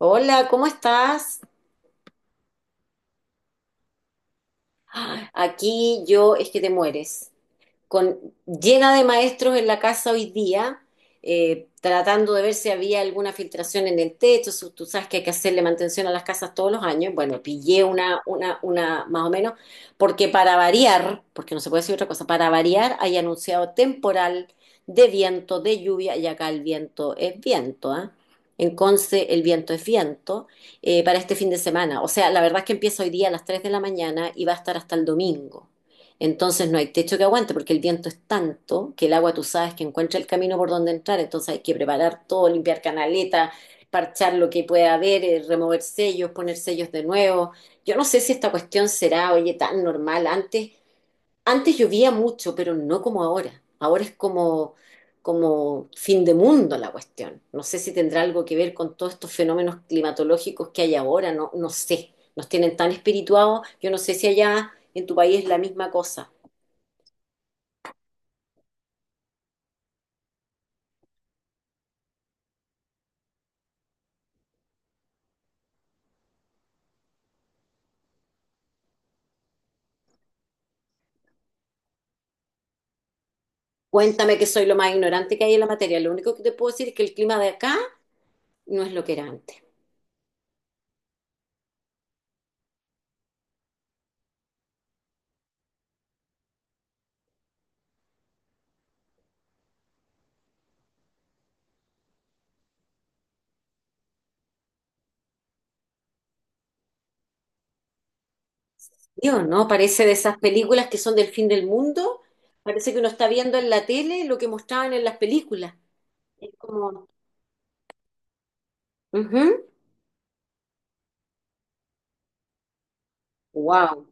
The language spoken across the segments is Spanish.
Hola, ¿cómo estás? Aquí yo es que te mueres. con, Llena de maestros en la casa hoy día, tratando de ver si había alguna filtración en el techo. Si Tú sabes que hay que hacerle mantención a las casas todos los años. Bueno, pillé una más o menos, porque para variar, porque no se puede decir otra cosa, para variar hay anunciado temporal de viento, de lluvia, y acá el viento es viento, ¿ah? En Conce el viento es viento, para este fin de semana. O sea, la verdad es que empieza hoy día a las 3 de la mañana y va a estar hasta el domingo. Entonces no hay techo que aguante, porque el viento es tanto que el agua, tú sabes que encuentra el camino por donde entrar, entonces hay que preparar todo, limpiar canaletas, parchar lo que pueda haber, remover sellos, poner sellos de nuevo. Yo no sé si esta cuestión será, oye, tan normal. Antes llovía mucho, pero no como ahora. Ahora es como como fin de mundo la cuestión. No sé si tendrá algo que ver con todos estos fenómenos climatológicos que hay ahora, no, no sé. Nos tienen tan espirituados, yo no sé si allá en tu país es la misma cosa. Cuéntame, que soy lo más ignorante que hay en la materia. Lo único que te puedo decir es que el clima de acá no es lo que era antes. Dios, ¿no? Parece de esas películas que son del fin del mundo. Parece que uno está viendo en la tele lo que mostraban en las películas. Es como... Wow.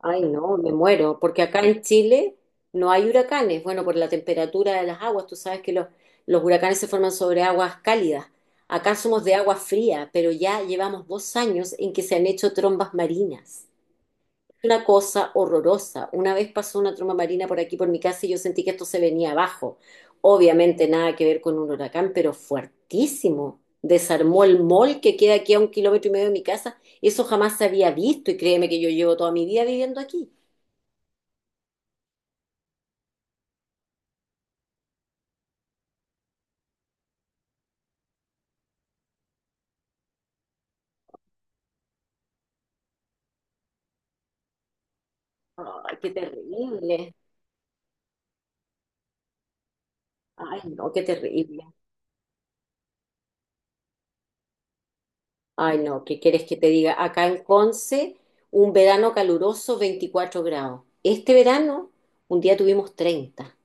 Ay, no, me muero. Porque acá en Chile no hay huracanes. Bueno, por la temperatura de las aguas. Tú sabes que los huracanes se forman sobre aguas cálidas. Acá somos de agua fría, pero ya llevamos 2 años en que se han hecho trombas marinas, una cosa horrorosa. Una vez pasó una tromba marina por aquí, por mi casa, y yo sentí que esto se venía abajo. Obviamente nada que ver con un huracán, pero fuertísimo. Desarmó el mall que queda aquí a 1 kilómetro y medio de mi casa. Eso jamás se había visto, y créeme que yo llevo toda mi vida viviendo aquí. Ay, qué terrible. Ay, no, qué terrible. Ay, no, ¿qué quieres que te diga? Acá en Conce, un verano caluroso, 24 grados. Este verano, un día tuvimos 30.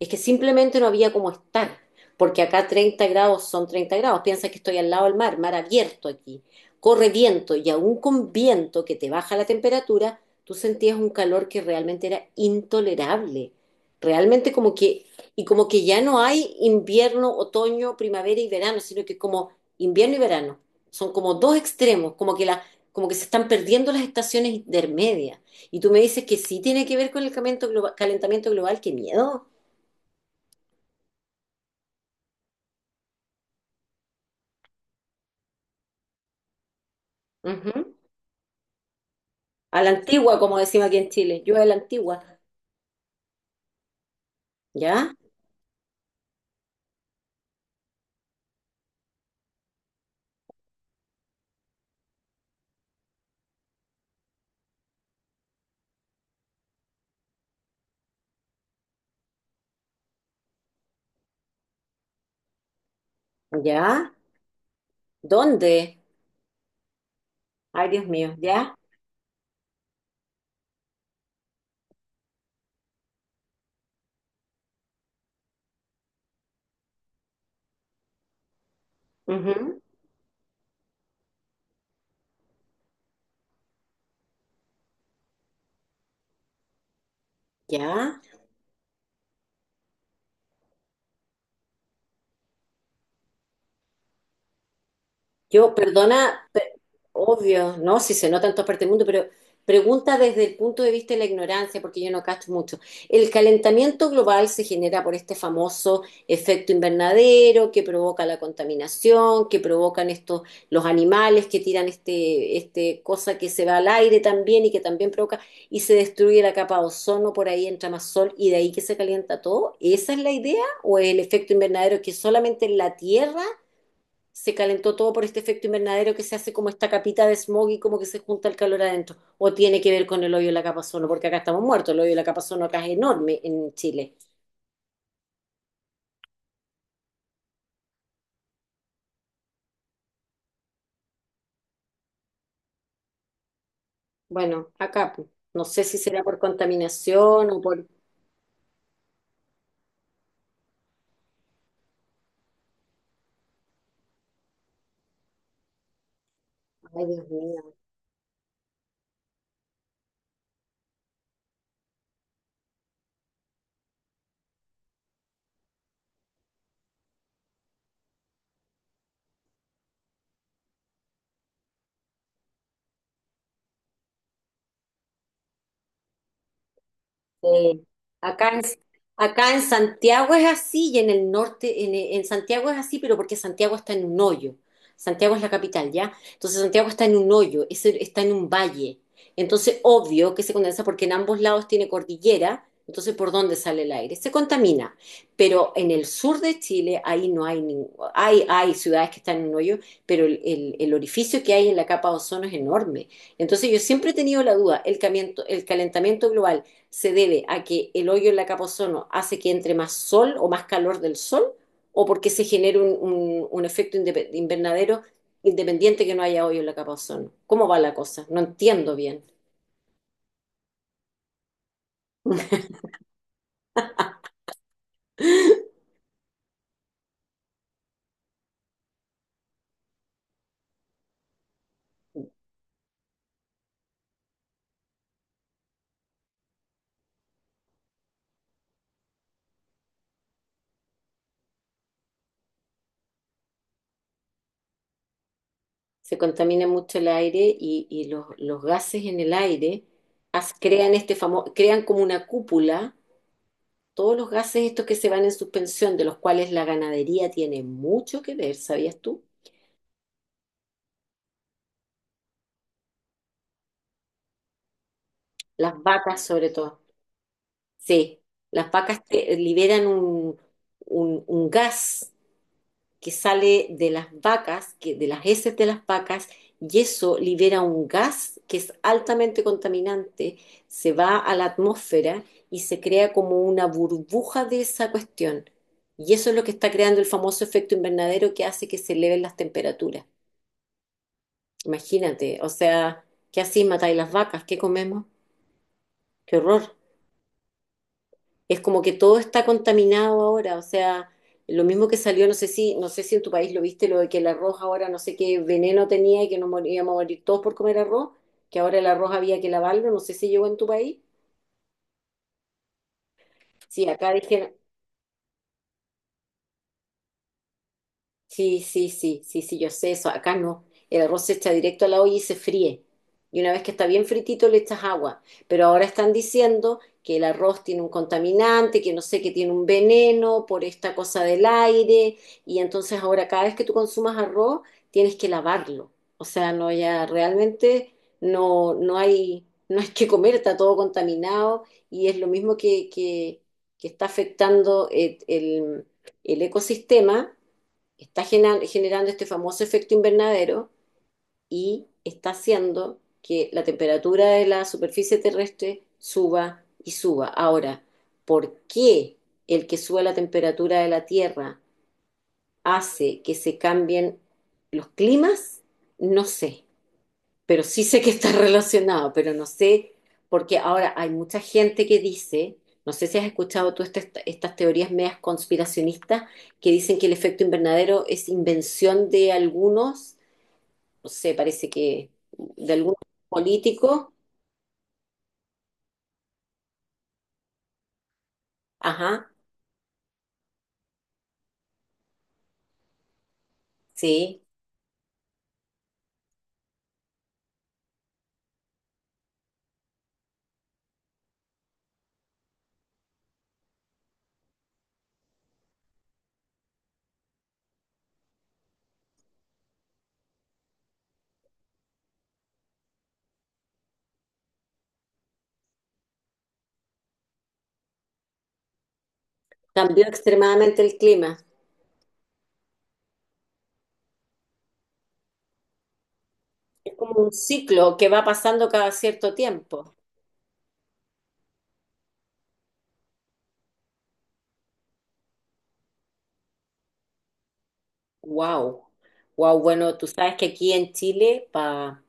Es que simplemente no había cómo estar, porque acá 30 grados son 30 grados. Piensa que estoy al lado del mar, mar abierto aquí. Corre viento, y aún con viento que te baja la temperatura, tú sentías un calor que realmente era intolerable. Realmente como que, y como que ya no hay invierno, otoño, primavera y verano, sino que como invierno y verano. Son como dos extremos, como que la, como que se están perdiendo las estaciones intermedias. Y tú me dices que sí tiene que ver con el calentamiento global, qué miedo. Ujú. A la antigua, como decimos aquí en Chile. Yo a la antigua. ¿Ya? ¿Ya? ¿Dónde? Ay, Dios mío. ¿Ya? Ujú. ¿Ya? Yo, perdona, obvio, ¿no? Si se nota en todas partes del mundo, pero pregunta desde el punto de vista de la ignorancia, porque yo no cacho mucho. ¿El calentamiento global se genera por este famoso efecto invernadero que provoca la contaminación, que provocan estos, los animales que tiran este, cosa que se va al aire también, y que también provoca, y se destruye la capa de ozono, por ahí entra más sol y de ahí que se calienta todo? ¿Esa es la idea? ¿O el efecto invernadero, que solamente en la Tierra se calentó todo por este efecto invernadero que se hace como esta capita de smog y como que se junta el calor adentro? ¿O tiene que ver con el hoyo de la capa ozono? Porque acá estamos muertos, el hoyo de la capa ozono acá es enorme en Chile. Bueno, acá pues, no sé si será por contaminación o por... Ay, Dios mío. Sí. Acá en, acá en Santiago es así, y en el norte, en Santiago es así, pero porque Santiago está en un hoyo. Santiago es la capital, ¿ya? Entonces Santiago está en un hoyo, está en un valle. Entonces, obvio que se condensa porque en ambos lados tiene cordillera, entonces ¿por dónde sale el aire? Se contamina. Pero en el sur de Chile, ahí no hay ningún... Hay ciudades que están en un hoyo, pero el orificio que hay en la capa de ozono es enorme. Entonces yo siempre he tenido la duda, el calentamiento global, ¿se debe a que el hoyo en la capa ozono hace que entre más sol o más calor del sol, o porque se genera un, un efecto invernadero independiente, que no haya hoyo en la capa ozono? ¿Cómo va la cosa? No entiendo bien. Se contamina mucho el aire, y gases en el aire, as, crean, este famoso, crean como una cúpula todos los gases estos que se van en suspensión, de los cuales la ganadería tiene mucho que ver, ¿sabías tú? Las vacas sobre todo. Sí, las vacas liberan un, un gas que sale de las vacas, que, de las heces de las vacas, y eso libera un gas que es altamente contaminante, se va a la atmósfera y se crea como una burbuja de esa cuestión. Y eso es lo que está creando el famoso efecto invernadero, que hace que se eleven las temperaturas. Imagínate, o sea, ¿qué así matáis las vacas? ¿Qué comemos? ¡Qué horror! Es como que todo está contaminado ahora, o sea, lo mismo que salió, no sé si en tu país lo viste, lo de que el arroz ahora no sé qué veneno tenía y que íbamos a morir todos por comer arroz, que ahora el arroz había que lavarlo, no sé si llegó en tu país. Sí, acá dijeron. Sí, sí, sí, sí, sí, yo sé eso. Acá no. El arroz se echa directo a la olla y se fríe. Y una vez que está bien fritito le echas agua. Pero ahora están diciendo que el arroz tiene un contaminante, que no sé, que tiene un veneno por esta cosa del aire. Y entonces ahora cada vez que tú consumas arroz tienes que lavarlo. O sea, no, ya realmente no, no hay que comer, está todo contaminado. Y es lo mismo, que está afectando el el- el ecosistema, está generando este famoso efecto invernadero y está haciendo que la temperatura de la superficie terrestre suba y suba. Ahora, ¿por qué el que sube la temperatura de la Tierra hace que se cambien los climas? No sé, pero sí sé que está relacionado, pero no sé, porque ahora hay mucha gente que dice, no sé si has escuchado tú estas teorías medias conspiracionistas, que dicen que el efecto invernadero es invención de algunos, no sé, parece que de algunos políticos. Ajá, sí, cambió extremadamente el clima. Es como un ciclo que va pasando cada cierto tiempo. Wow. Wow, bueno, tú sabes que aquí en Chile, para...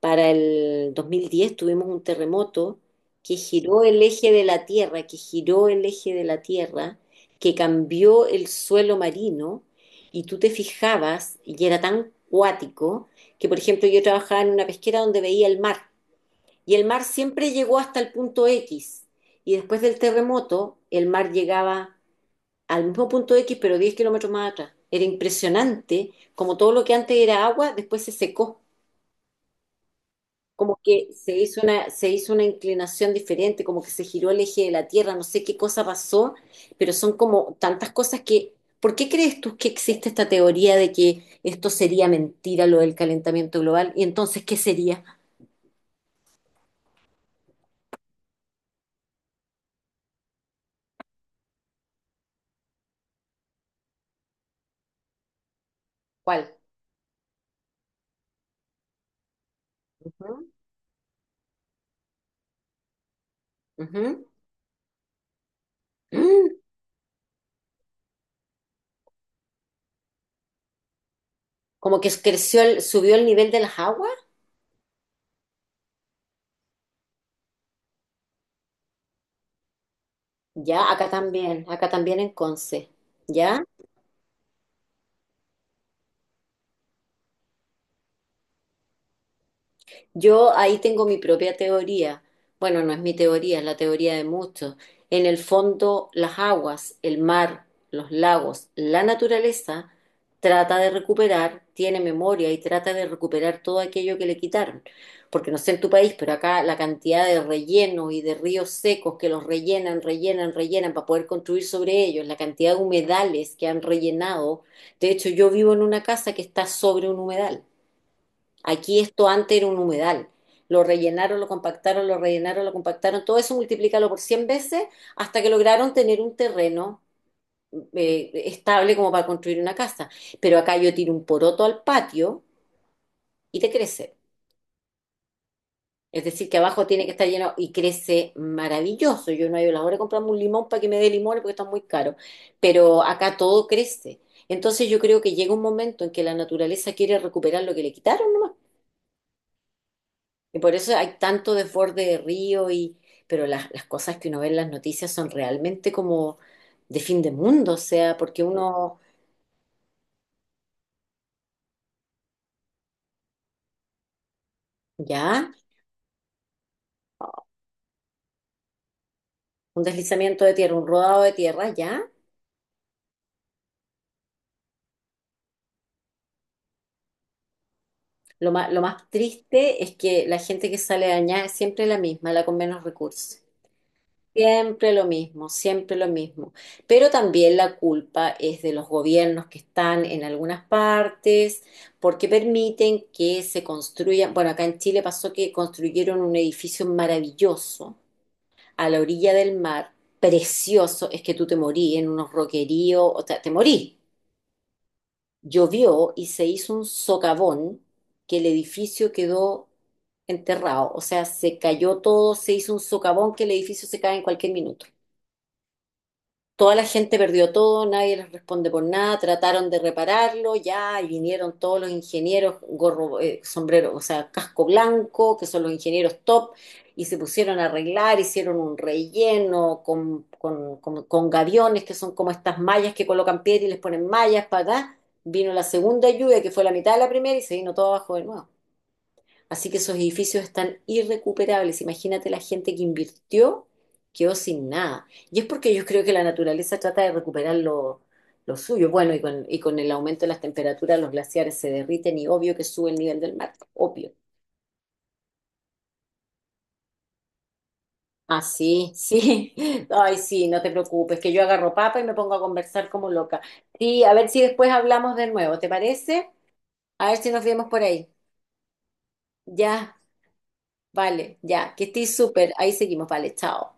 Para el 2010 tuvimos un terremoto que giró el eje de la Tierra, que giró el eje de la Tierra, que cambió el suelo marino, y tú te fijabas y era tan cuático que, por ejemplo, yo trabajaba en una pesquera donde veía el mar, y el mar siempre llegó hasta el punto X, y después del terremoto el mar llegaba al mismo punto X, pero 10 kilómetros más atrás. Era impresionante como todo lo que antes era agua después se secó, como que se hizo una inclinación diferente, como que se giró el eje de la Tierra, no sé qué cosa pasó, pero son como tantas cosas que... ¿Por qué crees tú que existe esta teoría de que esto sería mentira, lo del calentamiento global? ¿Y entonces qué sería? ¿Cuál? Ujú, ujú. Mm. Como que creció subió el nivel de las aguas. Ya, acá también en Conce. ¿Ya? Yo ahí tengo mi propia teoría. Bueno, no es mi teoría, es la teoría de muchos. En el fondo, las aguas, el mar, los lagos, la naturaleza trata de recuperar, tiene memoria y trata de recuperar todo aquello que le quitaron. Porque no sé en tu país, pero acá la cantidad de rellenos y de ríos secos que los rellenan, rellenan, rellenan para poder construir sobre ellos, la cantidad de humedales que han rellenado. De hecho, yo vivo en una casa que está sobre un humedal. Aquí esto antes era un humedal. Lo rellenaron, lo compactaron, lo rellenaron, lo compactaron. Todo eso multiplícalo por 100 veces, hasta que lograron tener un terreno, estable como para construir una casa. Pero acá yo tiro un poroto al patio y te crece. Es decir, que abajo tiene que estar lleno y crece maravilloso. Yo no he ido a la hora de comprarme un limón para que me dé limones porque está muy caro. Pero acá todo crece. Entonces yo creo que llega un momento en que la naturaleza quiere recuperar lo que le quitaron. Y por eso hay tanto desborde de río, y, pero las cosas que uno ve en las noticias son realmente como de fin de mundo, o sea, porque uno... Ya, un deslizamiento de tierra, un rodado de tierra, ya. Lo más triste es que la gente que sale dañada es siempre la misma, la con menos recursos. Siempre lo mismo, siempre lo mismo. Pero también la culpa es de los gobiernos que están en algunas partes, porque permiten que se construyan. Bueno, acá en Chile pasó que construyeron un edificio maravilloso a la orilla del mar, precioso, es que tú te morí en unos roqueríos, o sea, te morí. Llovió y se hizo un socavón, que el edificio quedó enterrado, o sea, se cayó todo, se hizo un socavón que el edificio se cae en cualquier minuto. Toda la gente perdió todo, nadie les responde por nada, trataron de repararlo, ya, y vinieron todos los ingenieros, gorro, sombrero, o sea, casco blanco, que son los ingenieros top, y se pusieron a arreglar, hicieron un relleno con, con gaviones, que son como estas mallas que colocan piedra y les ponen mallas para acá. Vino la segunda lluvia, que fue la mitad de la primera, y se vino todo abajo de nuevo. Así que esos edificios están irrecuperables. Imagínate, la gente que invirtió quedó sin nada. Y es porque yo creo que la naturaleza trata de recuperar lo, suyo. Bueno, y con, el aumento de las temperaturas, los glaciares se derriten y obvio que sube el nivel del mar, obvio. Ah, sí, sí. Ay, sí, no te preocupes, que yo agarro papa y me pongo a conversar como loca. Sí, a ver si después hablamos de nuevo, ¿te parece? A ver si nos vemos por ahí. Ya, vale, ya, que estés súper. Ahí seguimos, vale, chao.